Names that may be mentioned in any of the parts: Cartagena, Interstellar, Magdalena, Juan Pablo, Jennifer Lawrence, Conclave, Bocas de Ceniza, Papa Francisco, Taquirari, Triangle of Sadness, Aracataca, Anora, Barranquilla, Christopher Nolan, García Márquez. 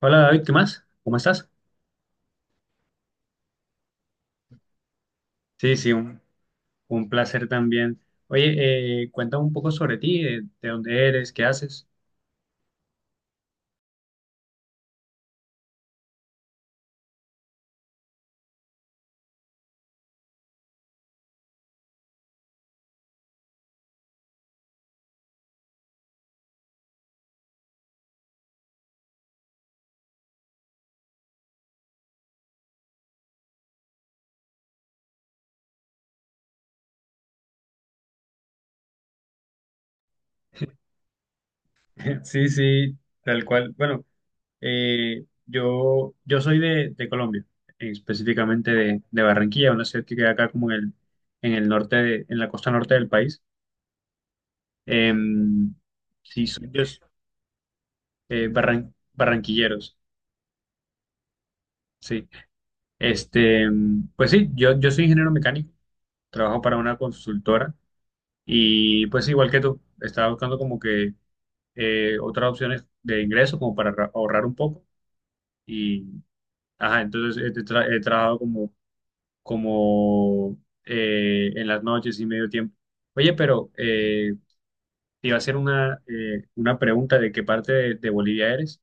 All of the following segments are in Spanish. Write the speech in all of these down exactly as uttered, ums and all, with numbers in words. Hola David, ¿qué más? ¿Cómo estás? Sí, sí, un, un placer también. Oye, eh, cuéntame un poco sobre ti, eh, de, dónde eres, qué haces. Sí, sí, tal cual. Bueno, eh, yo, yo soy de, de Colombia, eh, específicamente de, de Barranquilla, una ciudad que queda acá como en el, en el norte, de- en la costa norte del país. Em, sí, soy yo, eh, barran- barranquilleros, sí. Este, pues sí, yo, yo soy ingeniero mecánico, trabajo para una consultora. Y pues igual que tú, estaba buscando como que eh, otras opciones de ingreso como para ahorra- ahorrar un poco. Y, ajá, entonces he, tra- he trabajado como, como eh, en las noches y medio tiempo. Oye, pero eh, te iba a hacer una, eh, una pregunta de qué parte de, de Bolivia eres.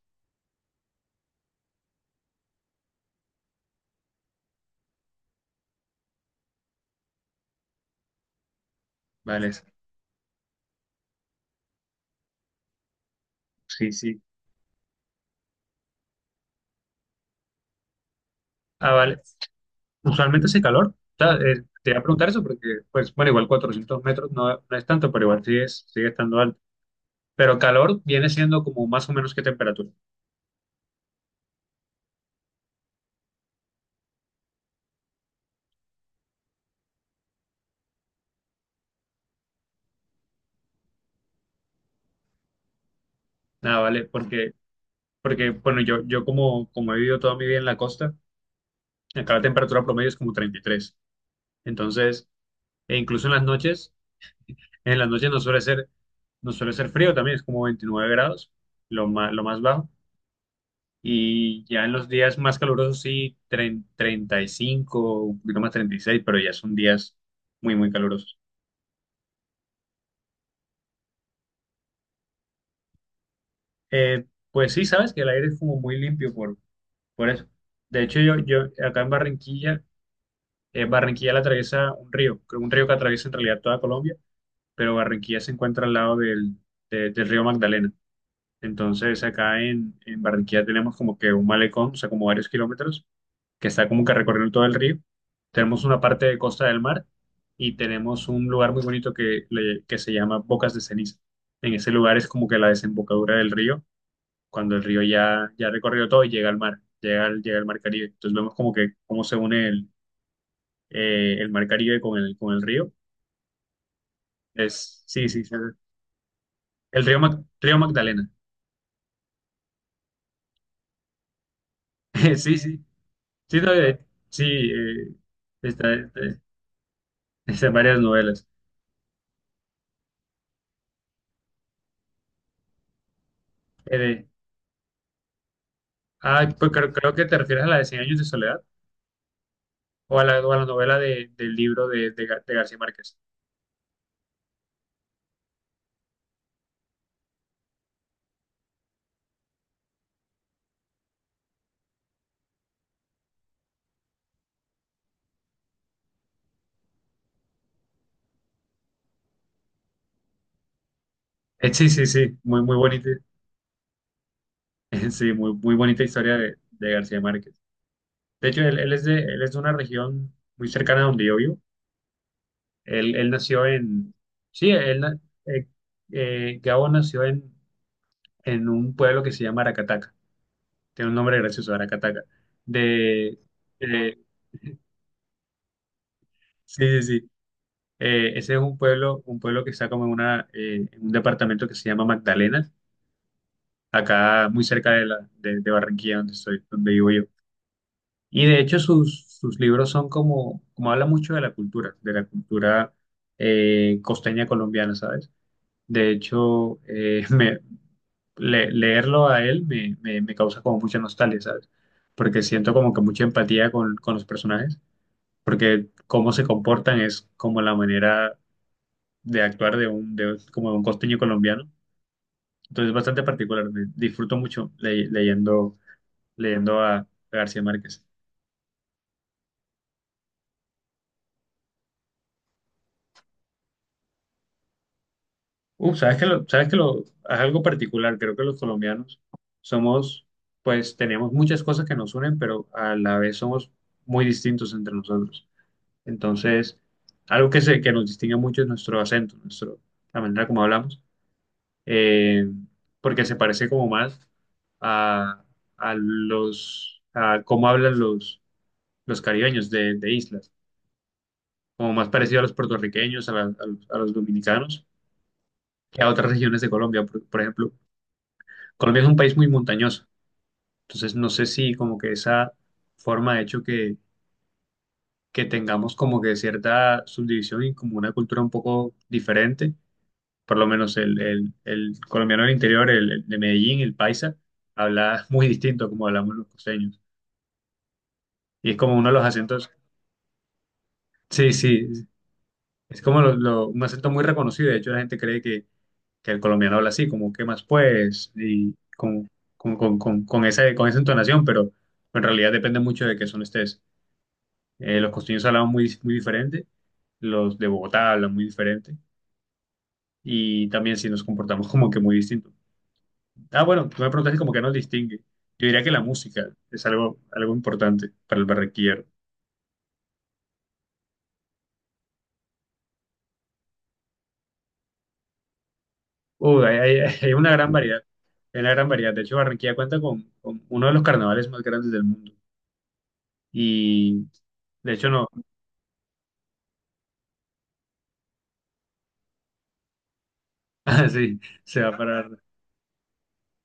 Vale, es- sí, sí. Ah, vale. Usualmente hace calor. O sea, eh, te iba a preguntar eso porque, pues, bueno, igual cuatrocientos metros no, no es tanto, pero igual sigue, sigue estando alto. Pero calor viene siendo como más o menos qué temperatura. Nada, vale, porque, porque bueno, yo, yo como, como he vivido toda mi vida en la costa, acá la temperatura promedio es como treinta y tres. Entonces, e incluso en las noches, en las noches no suele ser, no suele ser frío también, es como veintinueve grados, lo más, lo más bajo. Y ya en los días más calurosos sí, tren- treinta y cinco, un poquito más, treinta y seis, pero ya son días muy, muy calurosos. Eh, pues sí, sabes que el aire es como muy limpio por, por eso. De hecho, yo, yo acá en Barranquilla. Eh, Barranquilla la atraviesa un río, creo un río que atraviesa en realidad toda Colombia, pero Barranquilla se encuentra al lado del, de- del río Magdalena. Entonces acá en, en Barranquilla tenemos como que un malecón, o sea, como varios kilómetros, que está como que recorriendo todo el río. Tenemos una parte de costa del mar y tenemos un lugar muy bonito que, le- que se llama Bocas de Ceniza. En ese lugar es como que la desembocadura del río, cuando el río ya, ya ha recorrido todo y llega al mar, llega al, llega al mar Caribe. Entonces vemos como que cómo se une eh, el mar Caribe con el, con el río. Es, sí, sí, sí, el río, Mag- río Magdalena. Sí, sí, sí, no, eh, sí, eh, está, eh, está en varias novelas. Eh, de- ah, pues creo, creo que te refieres a la de cien años de soledad o a la, o a la novela de- del libro de, de Gar- de García Márquez. Eh, sí, sí, sí, muy, muy bonita, sí, muy, muy bonita historia de, de García Márquez. De hecho, él, él es de, él es de una región muy cercana a donde yo vivo. Él, él nació en, sí, él, na- eh, eh, Gabo nació en, en un pueblo que se llama Aracataca. Tiene un nombre gracioso, Aracataca. De, de- sí, sí, sí. Eh, ese es un pueblo, un pueblo que está como en una, eh, en un departamento que se llama Magdalena, acá muy cerca de la, de, de Barranquilla, donde estoy, donde vivo yo. Y de hecho sus, sus libros son como, como habla mucho de la cultura, de la cultura eh, costeña colombiana, ¿sabes? De hecho, eh, me, le- leerlo a él me, me, me causa como mucha nostalgia, ¿sabes? Porque siento como que mucha empatía con, con los personajes, porque cómo se comportan es como la manera de actuar de un, de, un- como de un costeño colombiano. Entonces es bastante particular, me- disfruto mucho le- leyendo, leyendo a, a García Márquez. Uf, ¿sabes que lo, sabes que lo, es algo particular, creo que los colombianos somos, pues tenemos muchas cosas que nos unen, pero a la vez somos muy distintos entre nosotros. Entonces, algo que, se, que nos distingue mucho es nuestro acento, nuestro, la manera como hablamos, eh, porque se parece como más a, a los, a cómo hablan los, los caribeños de, de islas, como más parecido a los puertorriqueños, a, la- a los, a los dominicanos, que a otras regiones de Colombia. Por, por ejemplo, Colombia es un país muy montañoso, entonces no sé si como que esa forma ha hecho que, que tengamos como que cierta subdivisión y como una cultura un poco diferente, por lo menos el, el- el colombiano del interior, el, el de Medellín, el paisa, habla muy distinto a como hablamos los costeños. Y es como uno de los acentos, sí, sí, es como lo- lo- un acento muy reconocido. De hecho, la gente cree que, que el colombiano habla así, como, ¿qué más pues? Y con, con, con, con, con esa, con esa entonación, pero en realidad depende mucho de qué son estés. Eh, los costeños hablan muy, muy diferente, los de Bogotá hablan muy diferente, y también si nos comportamos como que muy distinto. Ah, bueno, tú me preguntaste como que nos distingue. Yo diría que la música es algo, algo importante para el barranquillero. Uy, hay, hay- hay una gran variedad, hay una gran variedad. De hecho, Barranquilla cuenta con, con uno de los carnavales más grandes del mundo. Y de hecho, no, ah, sí, se va a parar.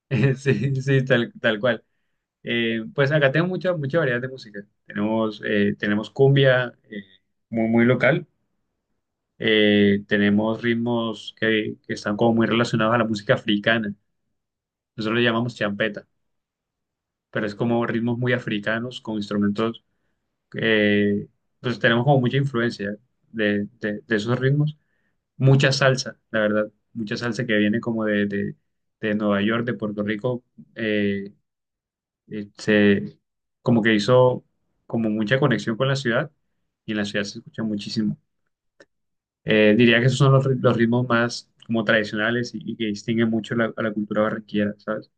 Sí, sí, tal, tal cual. Eh, pues acá tenemos mucha, mucha variedad de música. Tenemos, eh, tenemos cumbia, eh, muy, muy local. Eh, tenemos ritmos que, que están como muy relacionados a la música africana. Nosotros le llamamos champeta, pero es como ritmos muy africanos con instrumentos que pues tenemos como mucha influencia de, de- de esos ritmos. Mucha salsa, la verdad, mucha salsa que viene como de, de- de Nueva York, de Puerto Rico, eh, eh, se- como que hizo como mucha conexión con la ciudad y en la ciudad se escucha muchísimo. Eh, diría que esos son los, ri- los ritmos más como tradicionales y, y que distinguen mucho la- a la cultura barranquillera, ¿sabes?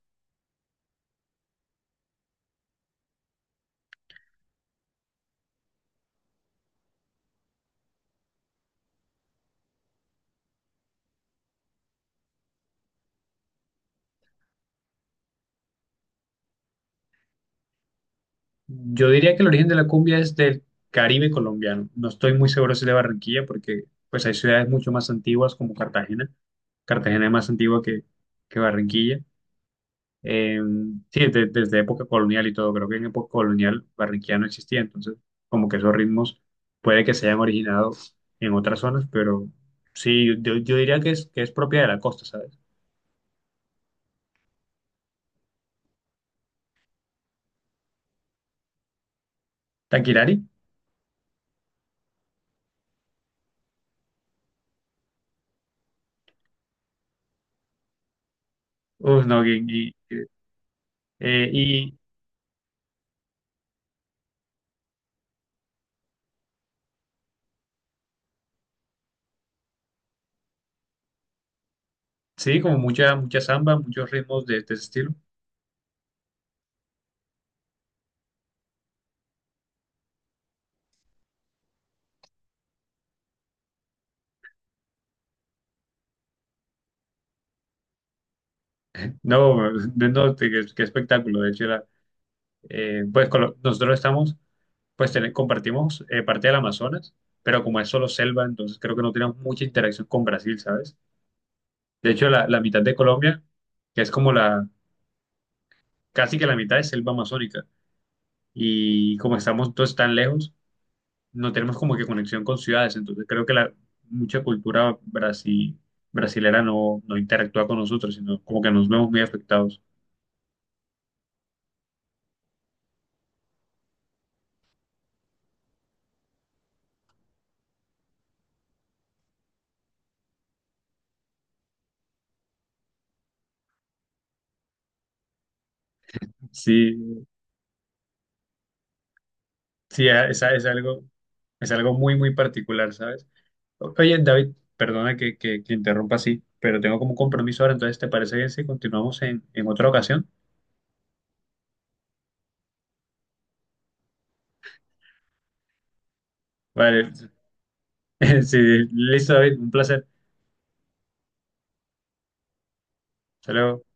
Yo diría que el origen de la cumbia es del Caribe colombiano. No estoy muy seguro si es de Barranquilla, porque pues hay ciudades mucho más antiguas como Cartagena. Cartagena es más antigua que, que Barranquilla. Eh, sí, de- desde época colonial y todo. Creo que en época colonial Barranquilla no existía, entonces como que esos ritmos puede que se hayan originado en otras zonas, pero sí, yo, yo diría que es, que es propia de la costa, ¿sabes? Taquirari, uf, no, y, y, eh, y sí, como mucha, mucha samba, muchos ritmos de, de ese estilo. No, no, qué, qué espectáculo. De hecho, era, eh, pues con lo- nosotros estamos, pues tene- compartimos eh, parte del Amazonas, pero como es solo selva, entonces creo que no tenemos mucha interacción con Brasil, ¿sabes? De hecho, la, la mitad de Colombia, que es como la, casi que la mitad es selva amazónica, y como estamos todos tan lejos, no tenemos como que conexión con ciudades, entonces creo que la mucha cultura brasi- brasilera no, no interactúa con nosotros, sino como que nos vemos muy afectados. Sí, sí, a- esa- es, algo, es algo muy, muy particular, ¿sabes? O- Oye, David, perdona que, que, que interrumpa así, pero tengo como un compromiso ahora, entonces, ¿te parece bien si continuamos en, en otra ocasión? Vale, sí, listo, David, un placer. Hasta luego.